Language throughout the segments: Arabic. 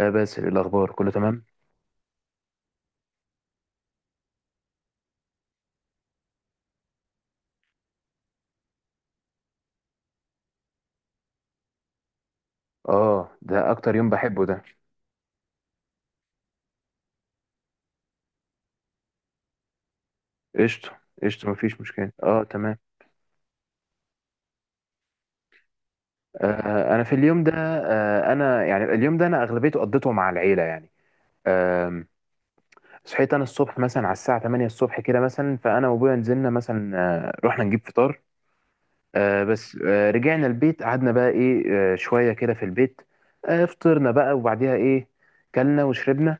آه، بس الأخبار كله تمام. اه، ده أكتر يوم بحبه ده. قشطة قشطة، مفيش مشكلة. اه، تمام. أنا في اليوم ده، أنا يعني اليوم ده أنا أغلبيته قضيته مع العيلة يعني. آم، صحيت أنا الصبح مثلا على الساعة 8 الصبح كده مثلا، فأنا وأبويا نزلنا مثلا. رحنا نجيب فطار. بس رجعنا البيت، قعدنا بقى إيه، شوية كده في البيت. فطرنا بقى وبعديها إيه، كلنا وشربنا،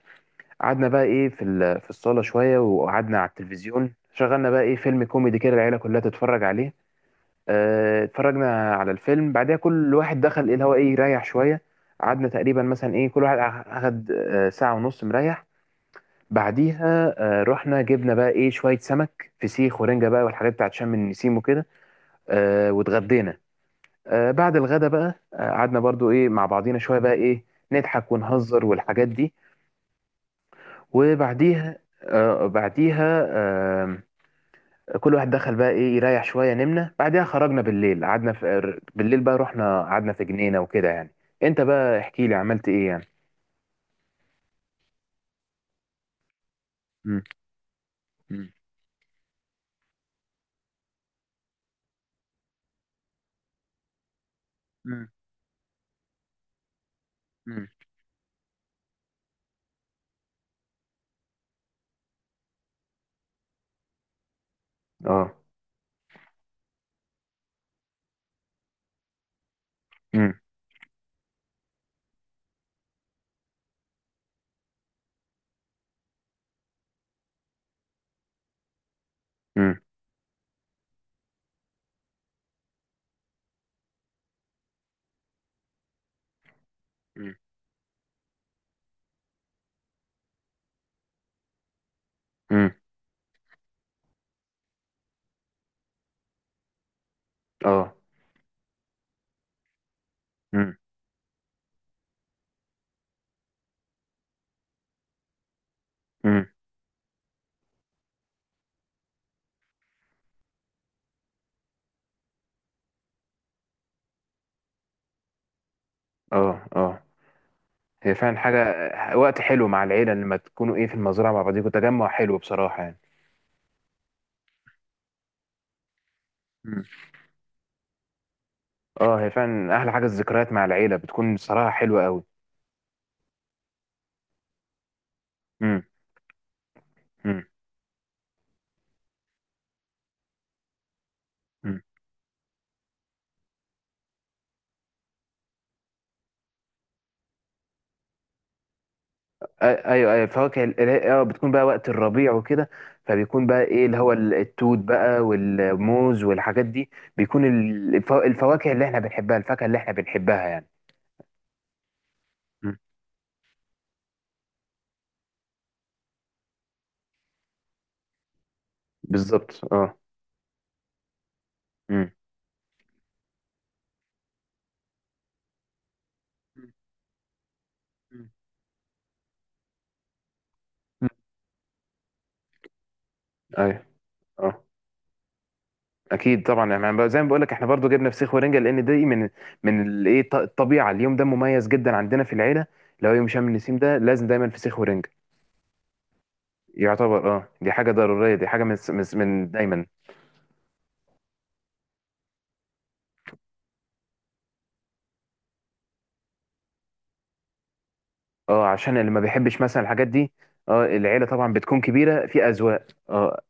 قعدنا بقى ايه في الصاله شويه، وقعدنا على التلفزيون، شغلنا بقى ايه فيلم كوميدي كده العيله كلها تتفرج عليه. اتفرجنا على الفيلم، بعدها كل واحد دخل ايه اللي هو ايه يريح شويه. قعدنا تقريبا مثلا ايه، كل واحد اخد ساعه ونص مريح. بعديها رحنا جبنا بقى ايه شويه سمك فسيخ ورنجه بقى والحاجات بتاعت شم النسيم وكده. واتغدينا. بعد الغدا بقى قعدنا برضو ايه مع بعضينا شويه بقى ايه، نضحك ونهزر والحاجات دي. وبعديها آه بعديها آه كل واحد دخل بقى ايه يريح شويه، نمنا، بعديها خرجنا بالليل، قعدنا في بالليل بقى رحنا قعدنا في جنينه وكده يعني. انت بقى احكي لي عملت ايه يعني. مم. مم. مم. مم. اه. مم. مم. مم. مم. اه. مم. مم. اه، اه، هي فعلا حاجه. وقت حلو مع العيله لما تكونوا ايه في المزرعه مع بعضيكوا، تجمع حلو بصراحه يعني. مم. اه، هي فعلا احلى حاجه الذكريات مع العيله، بتكون بصراحه حلوه قوي. ايوه ايوه، فواكه بتكون بقى وقت الربيع وكده. فبيكون بقى ايه اللي هو التوت بقى والموز والحاجات دي. بيكون الفواكه اللي احنا بنحبها، الفاكهة اللي احنا بنحبها يعني. مم. بالظبط اه. امم. مم. مم. مم. ايوه. اه. اكيد طبعا، زي ما بقول لك، احنا برضو جبنا فسيخ ورنجة لان دي من الطبيعة. اليوم ده مميز جدا عندنا في العيلة. لو يوم شم النسيم ده لازم دايما فسيخ ورنجة. يعتبر اه، دي حاجة ضرورية، دي حاجة من دايما. اه، عشان اللي ما بيحبش مثلا الحاجات دي. اه، العيله طبعا بتكون كبيره في اذواق، اه.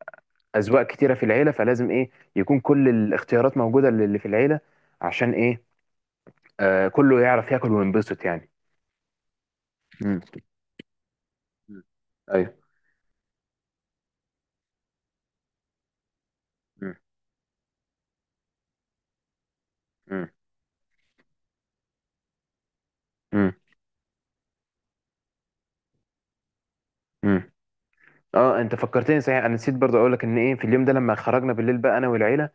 اذواق كتيره في العيله، فلازم ايه يكون كل الاختيارات موجوده اللي في العيله، عشان ايه كله يعرف ياكل وينبسط يعني. امم. ايوه. امم. امم. اه، انت فكرتني صحيح، انا نسيت برضه اقول لك ان ايه في اليوم ده لما خرجنا بالليل بقى انا والعيله.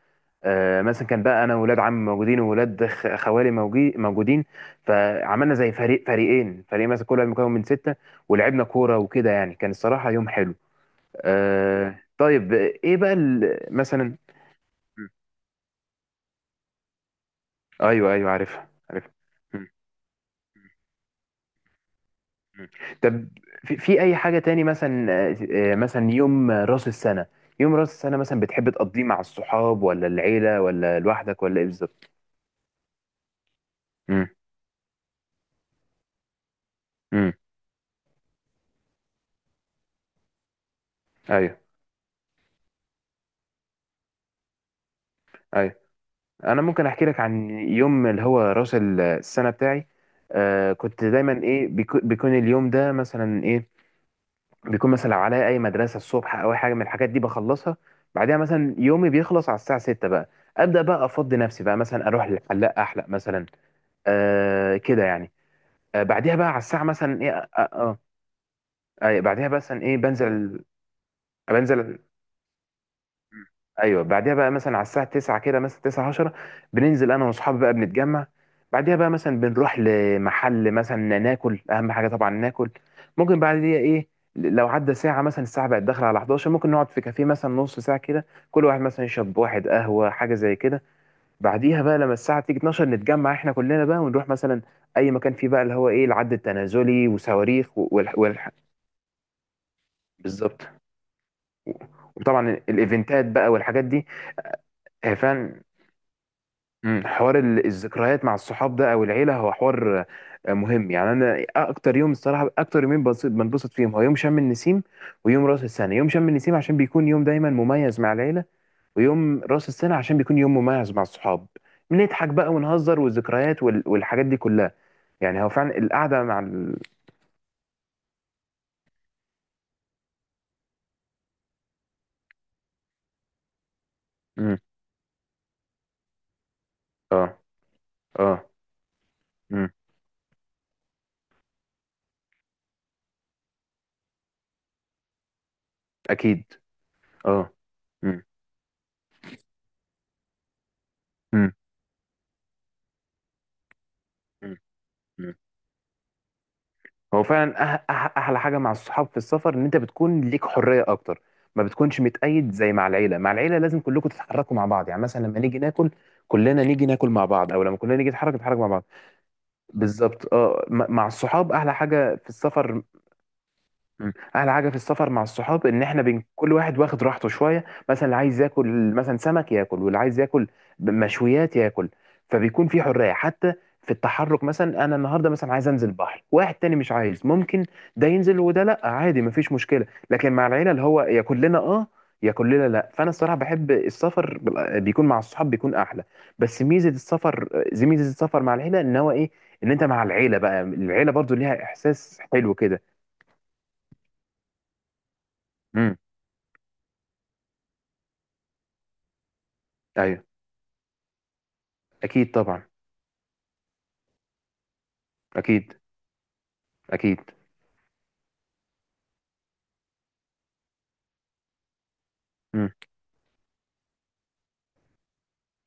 مثلا كان بقى انا وولاد عمي موجودين وولاد خوالي موجودين، فعملنا زي فريقين فريق مثلا كل واحد مكون من سته، ولعبنا كوره وكده يعني، كان الصراحه يوم حلو. طيب، ايه بقى مثلا. م. ايوه ايوه، عارفها عارفها. مم. طب في اي حاجه تاني مثلا مثلا يوم راس السنه. يوم راس السنه مثلا بتحب تقضيه مع الصحاب ولا العيله ولا لوحدك ولا ايه بالظبط؟ امم. امم. ايوه. ايوه. انا ممكن احكي لك عن يوم اللي هو راس السنه بتاعي. كنت دايما ايه بيكون اليوم ده مثلا ايه، بيكون مثلا لو عليا اي مدرسه الصبح او اي حاجه من الحاجات دي بخلصها. بعدها مثلا يومي بيخلص على الساعه 6 بقى، ابدا بقى افضي نفسي بقى مثلا اروح للحلاق احلق مثلا، كده يعني. بعديها بقى على الساعه مثلا ايه بعديها مثلا ايه، بنزل. ايوه، بعديها بقى مثلا على الساعه 9 كده مثلا 9 10، بننزل انا واصحابي بقى بنتجمع. بعديها بقى مثلا بنروح لمحل مثلا ناكل، اهم حاجه طبعا ناكل. ممكن بعديها ايه، لو عدى ساعه مثلا الساعه بقت داخله على 11، ممكن نقعد في كافيه مثلا نص ساعه كده كل واحد مثلا يشرب واحد قهوه حاجه زي كده. بعديها بقى لما الساعه تيجي 12 نتجمع احنا كلنا بقى ونروح مثلا اي مكان فيه بقى اللي هو ايه العد التنازلي وصواريخ والحاجات. بالظبط. و- وطبعا الايفنتات بقى والحاجات دي. فعلا. حوار الذكريات مع الصحاب ده او العيله هو حوار مهم يعني، انا اكتر يوم الصراحه اكتر يومين بنبسط فيهم هو يوم شم النسيم ويوم راس السنه. يوم شم النسيم عشان بيكون يوم دايما مميز مع العيله، ويوم راس السنه عشان بيكون يوم مميز مع الصحاب. بنضحك بقى ونهزر والذكريات وال- والحاجات دي كلها، يعني هو فعلا القعده مم، اه، اه. مم، اكيد اه. مم. مم. مم. مم. هو فعلا أح أح احلى حاجه مع الصحاب في السفر ان انت بتكون ليك حريه اكتر، ما بتكونش متقيد زي مع العيله. مع العيله لازم كلكم تتحركوا مع بعض، يعني مثلا لما نيجي ناكل كلنا نيجي ناكل مع بعض، او لما كلنا نيجي نتحرك نتحرك مع بعض. بالظبط اه، مع الصحاب احلى حاجه في السفر. مم. احلى حاجه في السفر مع الصحاب ان احنا بين كل واحد واخد راحته شويه، مثلا اللي عايز ياكل مثلا سمك ياكل، واللي عايز ياكل مشويات ياكل. فبيكون في حريه حتى في التحرك، مثلا انا النهارده مثلا عايز انزل بحر واحد تاني مش عايز، ممكن ده ينزل وده لا، عادي مفيش مشكله. لكن مع العيله اللي هو يا كلنا اه، يا كلنا لا. فانا الصراحه بحب السفر بيكون مع الصحاب بيكون احلى. بس ميزه السفر زي ميزه السفر مع العيله ان هو ايه، ان انت مع العيله بقى العيله برضو ليها احساس حلو كده. امم. ايوه. اكيد طبعا. اكيد. اكيد. مم.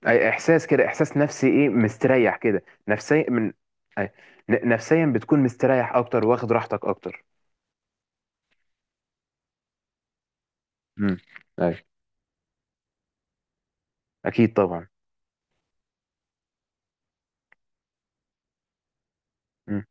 أي احساس كده، احساس نفسي ايه مستريح كده نفسيا من. أي. نفسيا بتكون مستريح اكتر واخد راحتك اكتر. مم. أي. اكيد طبعا. مم.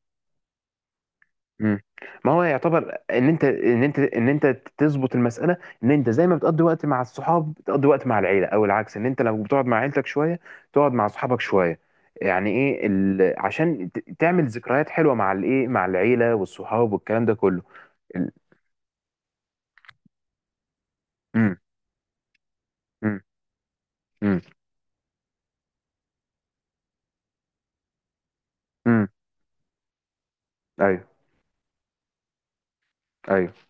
مم. ما هو يعتبر ان انت تظبط المساله، ان انت زي ما بتقضي وقت مع الصحاب بتقضي وقت مع العيله، او العكس ان انت لو بتقعد مع عيلتك شويه تقعد مع صحابك شويه، يعني ايه عشان تعمل ذكريات حلوه مع العيله والصحاب والكلام ده كله. ال... مم. مم. امم. امم. ايوه. ايوه.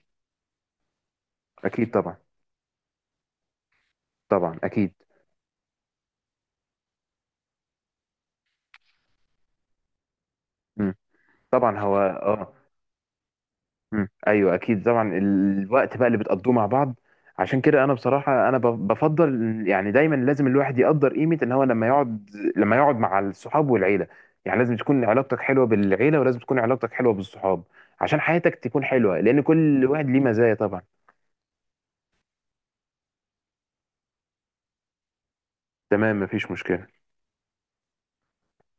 اكيد طبعا. طبعا اكيد. امم. طبعا هو اه. امم. ايوه اكيد طبعا، الوقت بقى اللي بتقضوه مع بعض. عشان كده انا بصراحه انا بفضل يعني دايما، لازم الواحد يقدر قيمه ان هو لما يقعد، لما يقعد مع الصحاب والعيله، يعني لازم تكون علاقتك حلوه بالعيله ولازم تكون علاقتك حلوه بالصحاب عشان حياتك تكون حلوه لان كل واحد ليه مزايا طبعا. تمام مفيش مشكله.